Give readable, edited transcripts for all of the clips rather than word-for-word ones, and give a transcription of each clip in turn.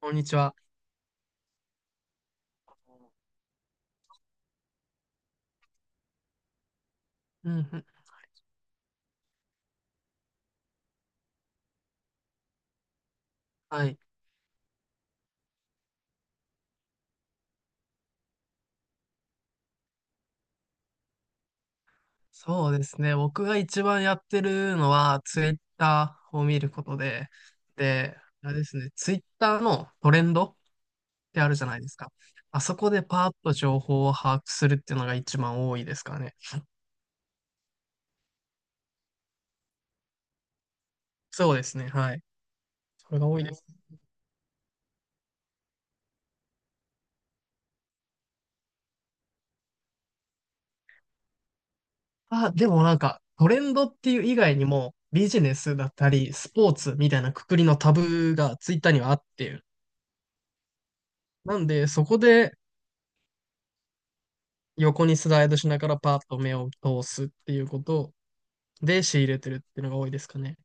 こんにちは。うんうん。はい。そうですね。僕が一番やってるのは、ツイッターを見ることで、あれですね、ツイッターのトレンドってあるじゃないですか。あそこでパーッと情報を把握するっていうのが一番多いですかね。そうですね。はい。それが多いです。あ、でもなんか、トレンドっていう以外にも、ビジネスだったり、スポーツみたいなくくりのタブがツイッターにはあって、なんで、そこで横にスライドしながらパーッと目を通すっていうことで仕入れてるっていうのが多いですかね。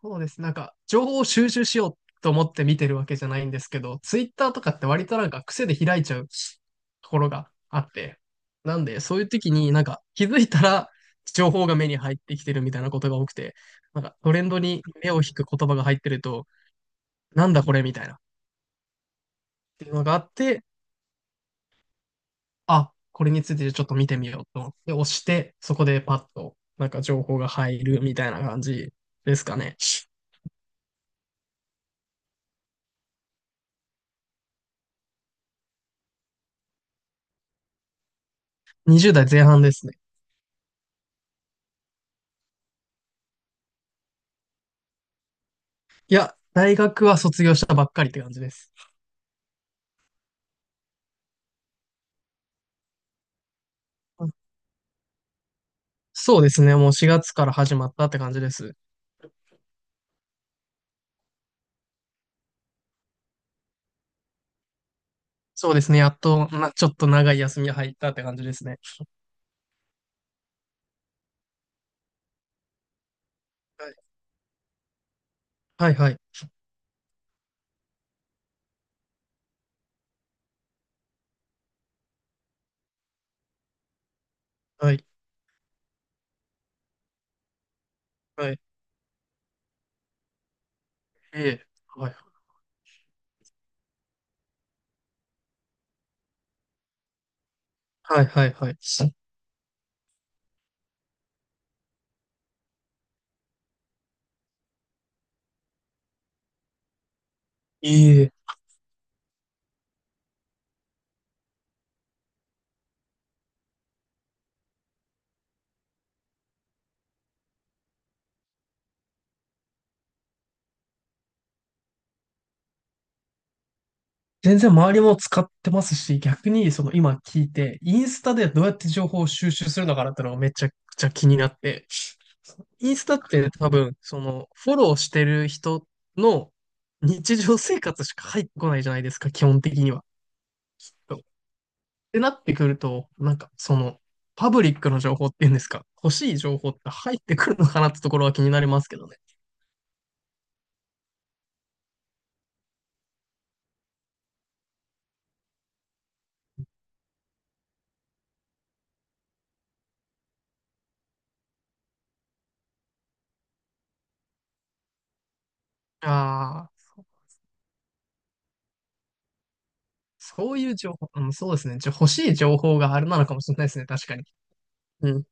そうです。なんか、情報を収集しようと思って見てるわけじゃないんですけど、ツイッターとかって割となんか癖で開いちゃうところがあって、なんで、そういう時になんか気づいたら情報が目に入ってきてるみたいなことが多くて、なんかトレンドに目を引く言葉が入ってると、なんだこれみたいなっていうのがあって、あ、これについてちょっと見てみようと思って押して、そこでパッとなんか情報が入るみたいな感じですかね。20代前半ですね。いや、大学は卒業したばっかりって感じです。そうですね。もう4月から始まったって感じです。そうですね。やっと、ちょっと長い休みが入ったって感じですね。はい、はい、はい、はい、はい、ええ、はい、はい、はい、はい。いえ、全然周りも使ってますし、逆にその今聞いて、インスタでどうやって情報を収集するのかなってのがめちゃくちゃ気になって、インスタって多分、そのフォローしてる人の日常生活しか入ってこないじゃないですか、基本的には。ってなってくると、なんかそのパブリックの情報っていうんですか、欲しい情報って入ってくるのかなってところは気になりますけどね。ああ、そういう情報、うん、そうですね。じゃ、欲しい情報があれなのかもしれないですね、確かに。うん。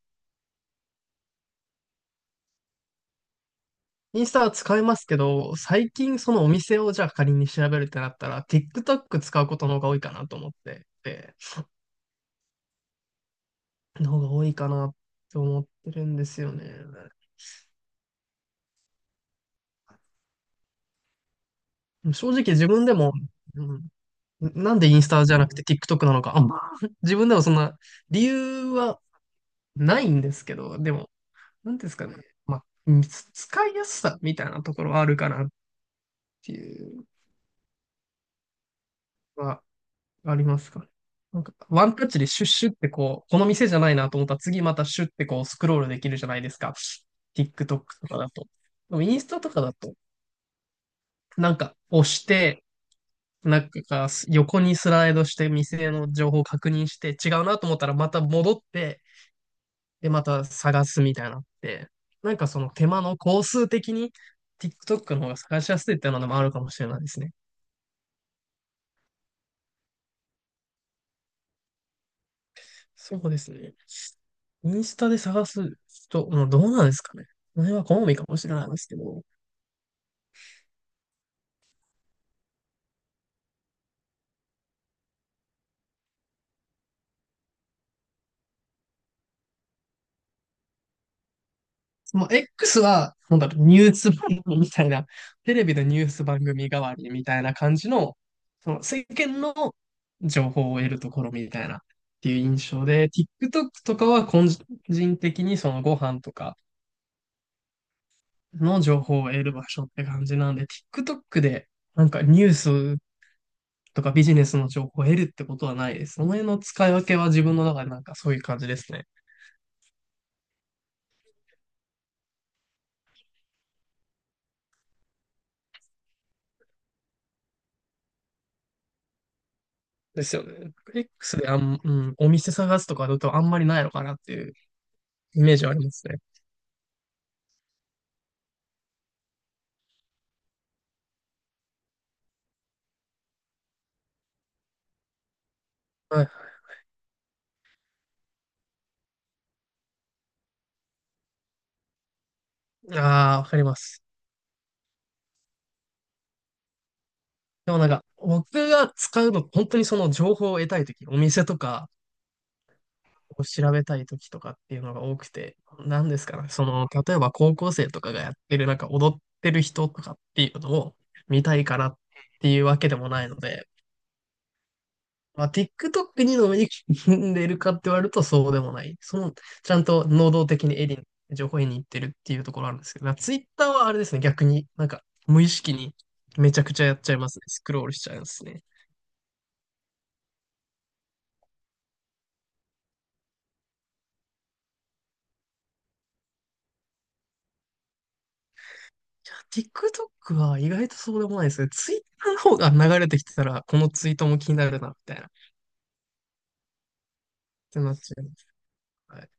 インスタは使いますけど、最近そのお店をじゃあ仮に調べるってなったら、TikTok 使うことの方が多いかなと思ってて、の方が多いかなって思ってるんですよね。正直自分でも、うん、なんでインスタじゃなくて TikTok なのか、あんま、自分でもそんな理由はないんですけど、でも、なんですかね、まあ、うんつ使いやすさみたいなところはあるかなっていうのはありますかね。なんか、ワンタッチでシュッシュってこう、この店じゃないなと思ったら次またシュッてこうスクロールできるじゃないですか。TikTok とかだと。でもインスタとかだと、なんか押して、なんか横にスライドして店の情報を確認して違うなと思ったらまた戻って、で、また探すみたいなのって、なんかその手間の工数的に TikTok の方が探しやすいっていうのもあるかもしれないですね。そうですね。インスタで探す人、もうどうなんですかね。それは好みかもしれないですけど。その X は、なんだろう、ニュース番組みたいな、テレビのニュース番組代わりみたいな感じの、その世間の情報を得るところみたいなっていう印象で、TikTok とかは個人的にそのご飯とかの情報を得る場所って感じなんで、TikTok でなんかニュースとかビジネスの情報を得るってことはないです。その辺の使い分けは自分の中でなんかそういう感じですね。ですよね。X でお店探すとかだとあんまりないのかなっていうイメージはありますね。はい。ああ、わかります。でもなんか、僕が使うの、本当にその情報を得たいとき、お店とかを調べたいときとかっていうのが多くて、何ですかね。その、例えば高校生とかがやってる、なんか踊ってる人とかっていうのを見たいからっていうわけでもないので、まあ、TikTok にのめり込んでるかって言われるとそうでもない。その、ちゃんと能動的にエリに、情報をに行ってるっていうところあるんですけど、Twitter はあれですね、逆に、なんか、無意識にめちゃくちゃやっちゃいますね。スクロールしちゃいますね。TikTok は意外とそうでもないですね。Twitter の方が流れてきてたら、このツイートも気になるな、みたいな。ってなっちゃいます。はい。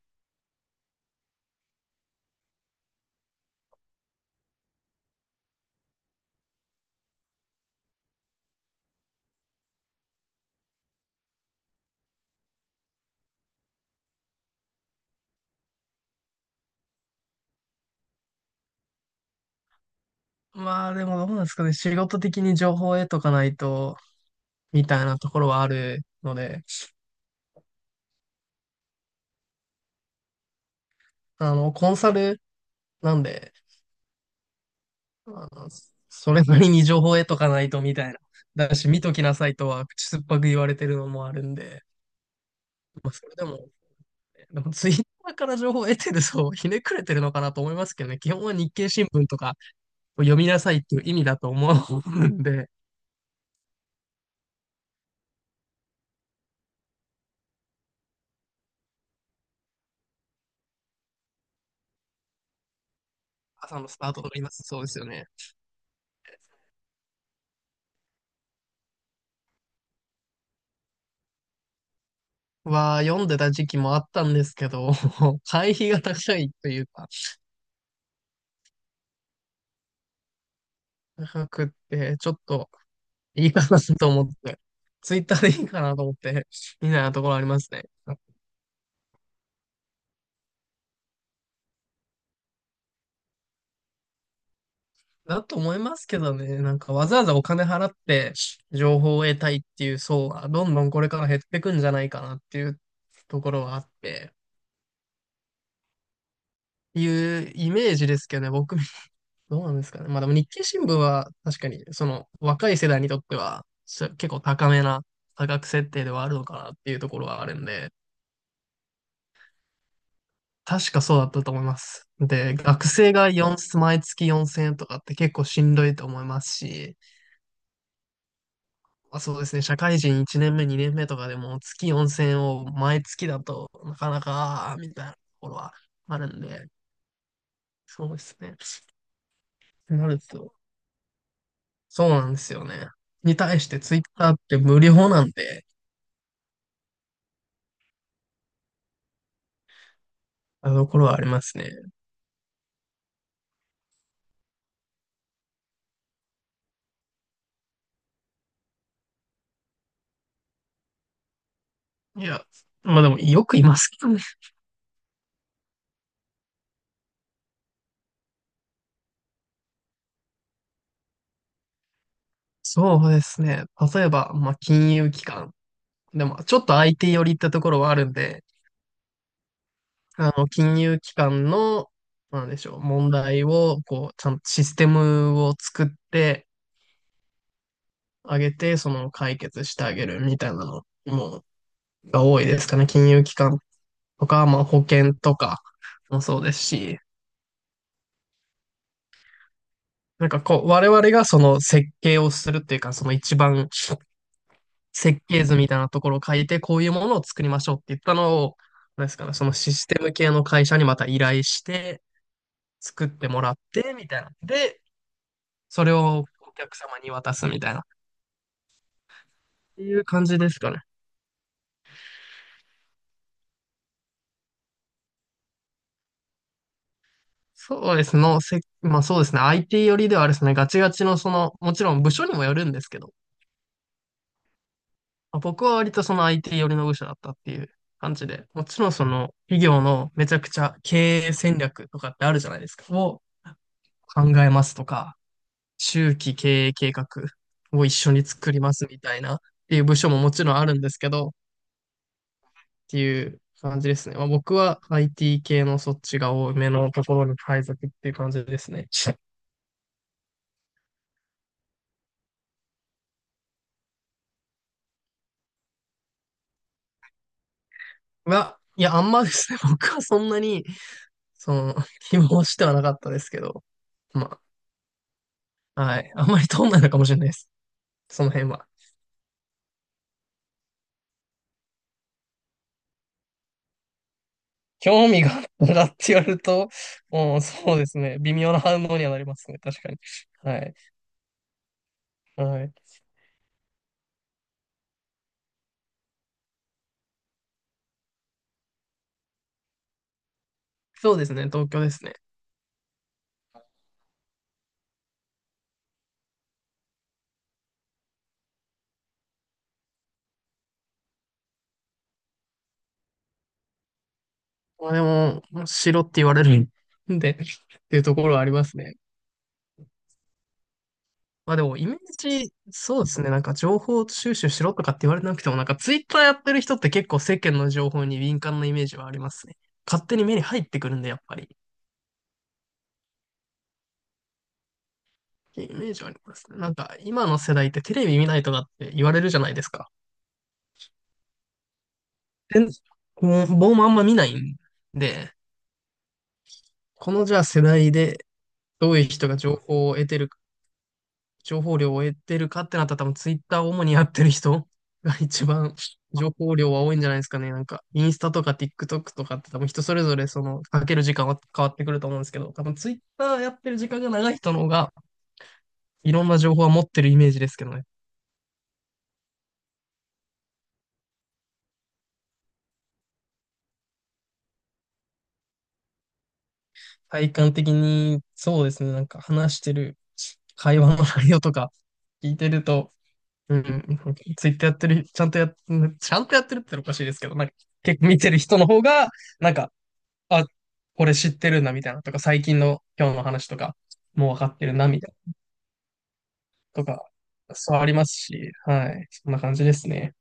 まあでも、どうなんですかね、仕事的に情報を得とかないと、みたいなところはあるので、コンサルなんで、あの、それなりに情報を得とかないとみたいな。だし、見ときなさいとは口酸っぱく言われてるのもあるんで、まあ、それでも、でもツイッターから情報を得てるとひねくれてるのかなと思いますけどね、基本は日経新聞とかを読みなさいっていう意味だと思うんで、朝のスタートとか今そうですよね。は読んでた時期もあったんですけど、会費が高いというか、高くって、ちょっといいかなと思って、ツイッターでいいかなと思って、みたいなところありますね。だと思いますけどね。なんかわざわざお金払って情報を得たいっていう層はどんどんこれから減ってくんじゃないかなっていうところはあって、いうイメージですけどね、僕、どうなんですかね。まあでも日経新聞は確かにその若い世代にとっては結構高めな価格設定ではあるのかなっていうところはあるんで、確かそうだったと思います。で、学生が4、毎月4000円とかって結構しんどいと思いますし、まあ、そうですね。社会人1年目、2年目とかでも月4000を毎月だとなかなか、みたいなところはあるんで、そうですね。なると、そうなんですよね。に対してツイッターって無料なんで、あのところはありますね。いや、まあでもよくいますけどね。そうですね。例えば、まあ金融機関。でも、ちょっと相手寄りってところはあるんで、金融機関の、なんでしょう、問題を、こう、ちゃんとシステムを作って、あげて、その解決してあげるみたいなのも、が多いですかね。金融機関とか、まあ保険とかもそうですし、なんかこう、我々がその設計をするっていうか、その一番設計図みたいなところを書いて、こういうものを作りましょうって言ったのを、なんですかね、そのシステム系の会社にまた依頼して、作ってもらって、みたいな。で、それをお客様に渡すみたいな、っていう感じですかね。そうですの、まあそうですね。IT 寄りではあれですね。ガチガチのその、もちろん部署にもよるんですけど、まあ僕は割とその IT 寄りの部署だったっていう感じで、もちろんその企業のめちゃくちゃ経営戦略とかってあるじゃないですか。を考えますとか、中期経営計画を一緒に作りますみたいなっていう部署ももちろんあるんですけど、っていう感じですね。まあ僕は IT 系のそっちが多めのところに配属っていう感じですね。いやいや、あんまですね、僕はそんなに、その、希望してはなかったですけど、まあ、はい。あんまり通んないのかもしれないです。その辺は。興味があったらって言われると、うん、そうですね。微妙な反応にはなりますね。確かに。はい。はい。そうですね。東京ですね。まあでも、白って言われるんで、っていうところはありますね。まあでも、イメージ、そうですね。なんか情報収集しろとかって言われなくても、なんかツイッターやってる人って結構世間の情報に敏感なイメージはありますね。勝手に目に入ってくるんで、やっぱり。イメージはありますね。なんか、今の世代ってテレビ見ないとかって言われるじゃないですか。で、こう僕もあんま見ないんで、このじゃあ世代でどういう人が情報量を得てるかってなったら多分ツイッターを主にやってる人 が一番情報量は多いんじゃないですかね。なんか、インスタとか TikTok とかって多分人それぞれその、かける時間は変わってくると思うんですけど、多分ツイッターやってる時間が長い人の方が、いろんな情報は持ってるイメージですけどね。体感的に、そうですね、なんか話してる会話の内容とか聞いてると、うん、ツイッターやってる、ちゃんとやってるっておかしいですけど、なんか結構見てる人の方が、なんかあ、これ知ってるな、みたいなとか、最近の今日の話とか、もう分かってるな、みたいなとか、そうありますし、はい。そんな感じですね。